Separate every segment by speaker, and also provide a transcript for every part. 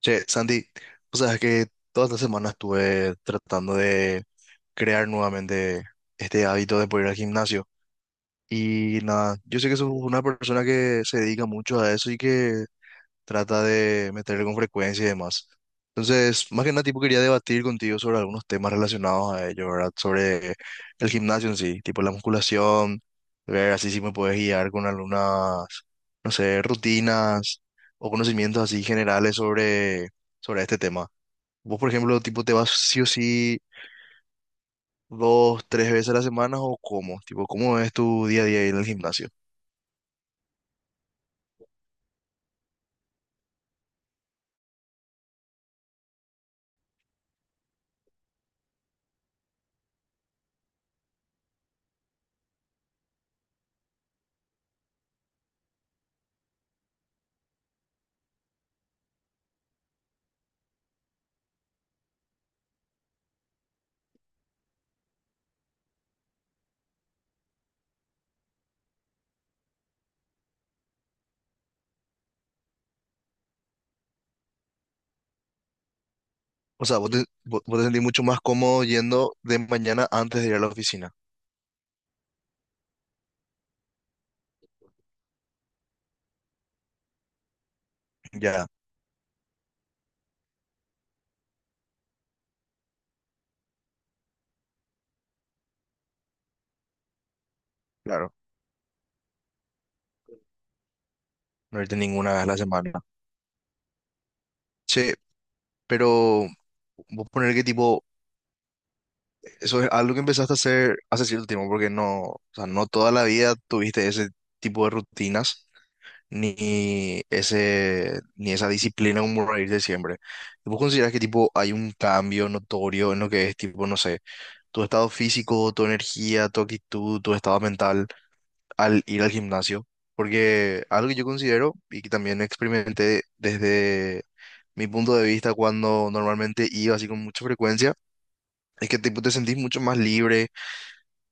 Speaker 1: Che, Sandy, o sea, es que toda esta semana estuve tratando de crear nuevamente este hábito de poder ir al gimnasio. Y nada, yo sé que sos una persona que se dedica mucho a eso y que trata de meterle con frecuencia y demás. Entonces, más que nada, tipo, quería debatir contigo sobre algunos temas relacionados a ello, ¿verdad? Sobre el gimnasio en sí, tipo la musculación, ver así si me puedes guiar con algunas, no sé, rutinas o conocimientos así generales sobre este tema. Vos, por ejemplo, tipo, ¿te vas sí o sí dos, tres veces a la semana o cómo? Tipo, ¿cómo es tu día a día ahí en el gimnasio? O sea, vos te sentís mucho más cómodo yendo de mañana antes de ir a la oficina. Ya, claro, no irte ninguna vez a la semana. Che, pero vos poner que tipo, eso es algo que empezaste a hacer hace cierto tiempo, porque no, o sea, no toda la vida tuviste ese tipo de rutinas, ni ese, ni esa disciplina como para irte siempre. ¿Vos considerás que tipo hay un cambio notorio en lo que es tipo, no sé, tu estado físico, tu energía, tu actitud, tu estado mental al ir al gimnasio? Porque algo que yo considero y que también experimenté desde mi punto de vista cuando normalmente iba así con mucha frecuencia, es que tipo, te sentís mucho más libre,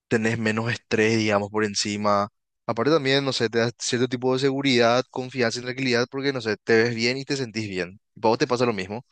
Speaker 1: tenés menos estrés, digamos, por encima. Aparte también, no sé, te da cierto tipo de seguridad, confianza y tranquilidad porque, no sé, te ves bien y te sentís bien. ¿Para vos te pasa lo mismo?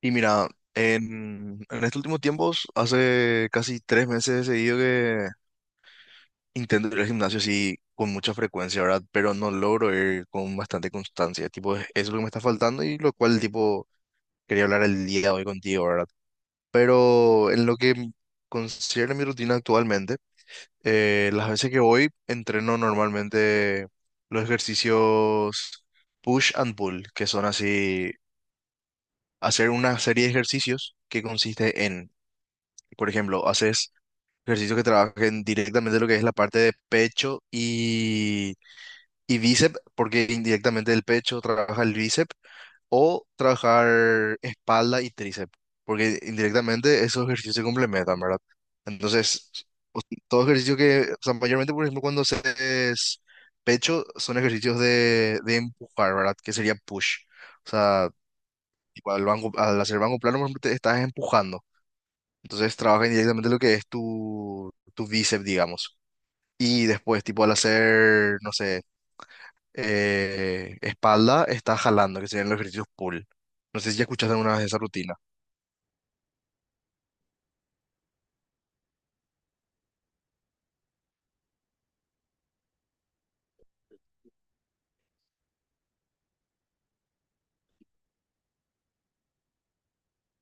Speaker 1: Y mira, en estos últimos tiempos, hace casi 3 meses he seguido. Intento ir al gimnasio sí con mucha frecuencia, ¿verdad? Pero no logro ir con bastante constancia. Tipo, eso es lo que me está faltando y lo cual, tipo, quería hablar el día de hoy contigo, ¿verdad? Pero en lo que considero mi rutina actualmente, las veces que voy, entreno normalmente los ejercicios push and pull, que son así, hacer una serie de ejercicios que consiste en, por ejemplo, haces ejercicios que trabajen directamente lo que es la parte de pecho y bíceps, porque indirectamente el pecho trabaja el bíceps, o trabajar espalda y tríceps, porque indirectamente esos ejercicios se complementan, ¿verdad? Entonces, o- todo ejercicio que, o sea, mayormente, por ejemplo, cuando haces pecho, son ejercicios de empujar, ¿verdad? Que sería push. O sea, tipo, al banco, al hacer banco plano, por ejemplo, te estás empujando. Entonces, trabaja indirectamente lo que es tu bíceps, digamos. Y después, tipo, al hacer, no sé, espalda está jalando, que serían los ejercicios pull. No sé si ya escuchaste alguna vez esa rutina.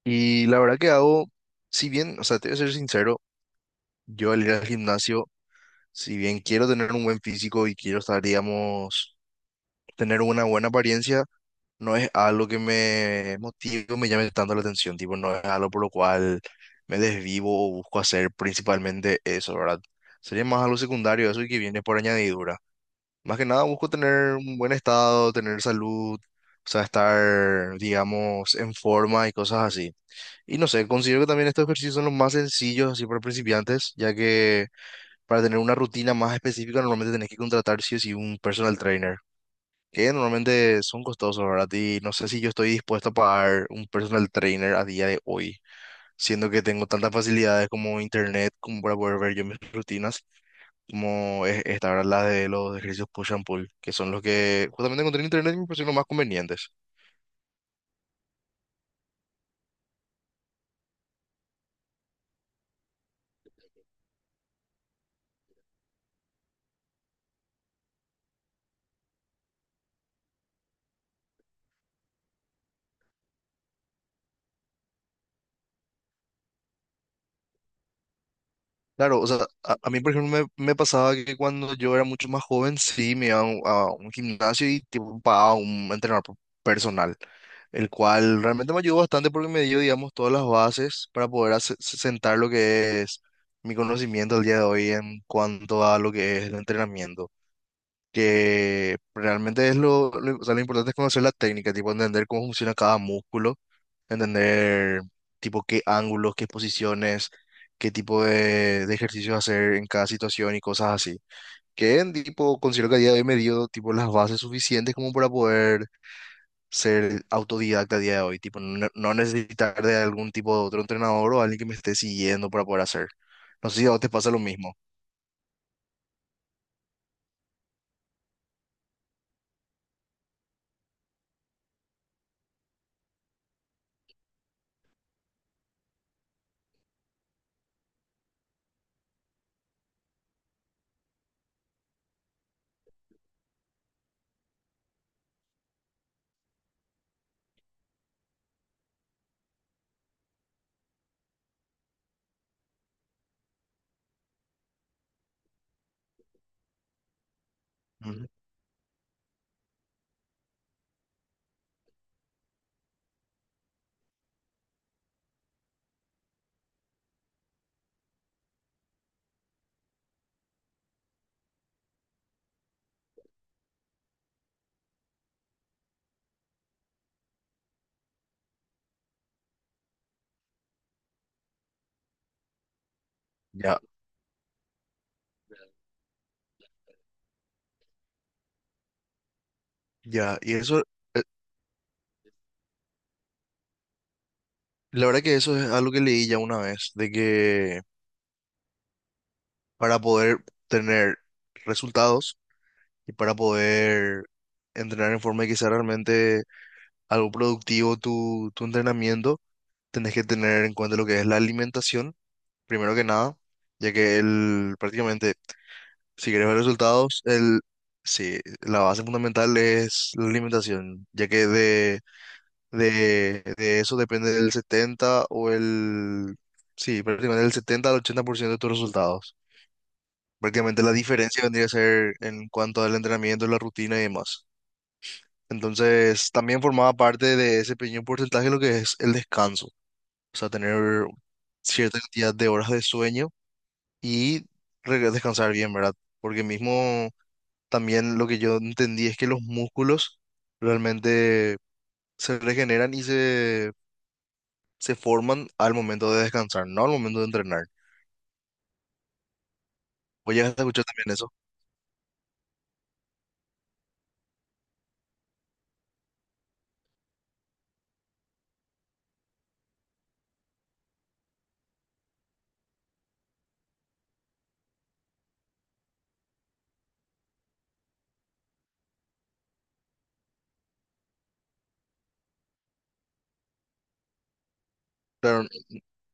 Speaker 1: Y la verdad que hago, si bien, o sea, te voy a ser sincero, yo al ir al gimnasio, si bien quiero tener un buen físico y quiero estar, digamos, tener una buena apariencia, no es algo que me motive o me llame tanto la atención, tipo, no es algo por lo cual me desvivo o busco hacer principalmente eso, ¿verdad? Sería más algo secundario, eso y que viene por añadidura. Más que nada busco tener un buen estado, tener salud, o sea, estar, digamos, en forma y cosas así. Y no sé, considero que también estos ejercicios son los más sencillos así para principiantes, ya que para tener una rutina más específica normalmente tenés que contratar sí o sí un personal trainer, que normalmente son costosos, ¿verdad? Y no sé si yo estoy dispuesto a pagar un personal trainer a día de hoy, siendo que tengo tantas facilidades como internet como para poder ver yo mis rutinas como esta, ¿verdad? La de los ejercicios push and pull, que son los que justamente encontré en internet y me parecieron los más convenientes. Claro, o sea, a mí, por ejemplo, me pasaba que cuando yo era mucho más joven, sí, me iba a un, gimnasio y tipo, pagaba un entrenador personal, el cual realmente me ayudó bastante porque me dio, digamos, todas las bases para poder sentar lo que es mi conocimiento al día de hoy en cuanto a lo que es el entrenamiento. Que realmente es o sea, lo importante es conocer la técnica, tipo entender cómo funciona cada músculo, entender tipo qué ángulos, qué posiciones, qué tipo de ejercicios hacer en cada situación y cosas así. Que en tipo considero que a día de hoy me dio tipo las bases suficientes como para poder ser autodidacta a día de hoy, tipo no, no necesitar de algún tipo de otro entrenador o alguien que me esté siguiendo para poder hacer. No sé si a vos te pasa lo mismo. Ujú. Ya, ya, y eso. La verdad que eso es algo que leí ya una vez, de que para poder tener resultados y para poder entrenar en forma de que sea realmente algo productivo tu entrenamiento, tenés que tener en cuenta lo que es la alimentación, primero que nada, ya que el, prácticamente, si querés ver resultados, el, sí, la base fundamental es la alimentación, ya que de eso depende del 70 o el... Sí, prácticamente del 70 al 80% de tus resultados. Prácticamente la diferencia vendría a ser en cuanto al entrenamiento, la rutina y demás. Entonces, también formaba parte de ese pequeño porcentaje lo que es el descanso. O sea, tener cierta cantidad de horas de sueño y descansar bien, ¿verdad? Porque mismo también lo que yo entendí es que los músculos realmente se regeneran y se forman al momento de descansar, no al momento de entrenar. Vos llegaste a escuchar también eso. Claro,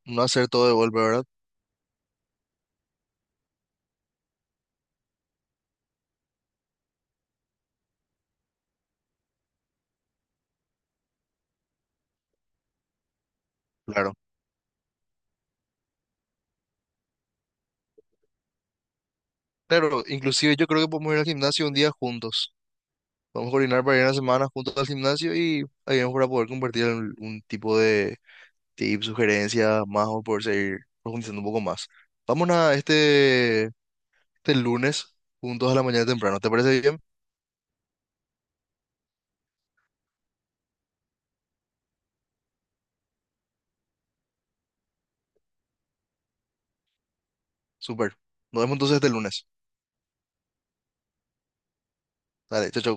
Speaker 1: no hacer todo de golpe, ¿verdad? Claro. Claro, inclusive yo creo que podemos ir al gimnasio un día juntos. Vamos a coordinar para ir una semana juntos al gimnasio y ahí vamos para poder compartir un, tipo de tips, sugerencias, más o poder seguir profundizando un poco más. Vamos a este lunes juntos a la mañana temprano. ¿Te parece bien? Súper. Nos vemos entonces este lunes. Dale, chao, chao.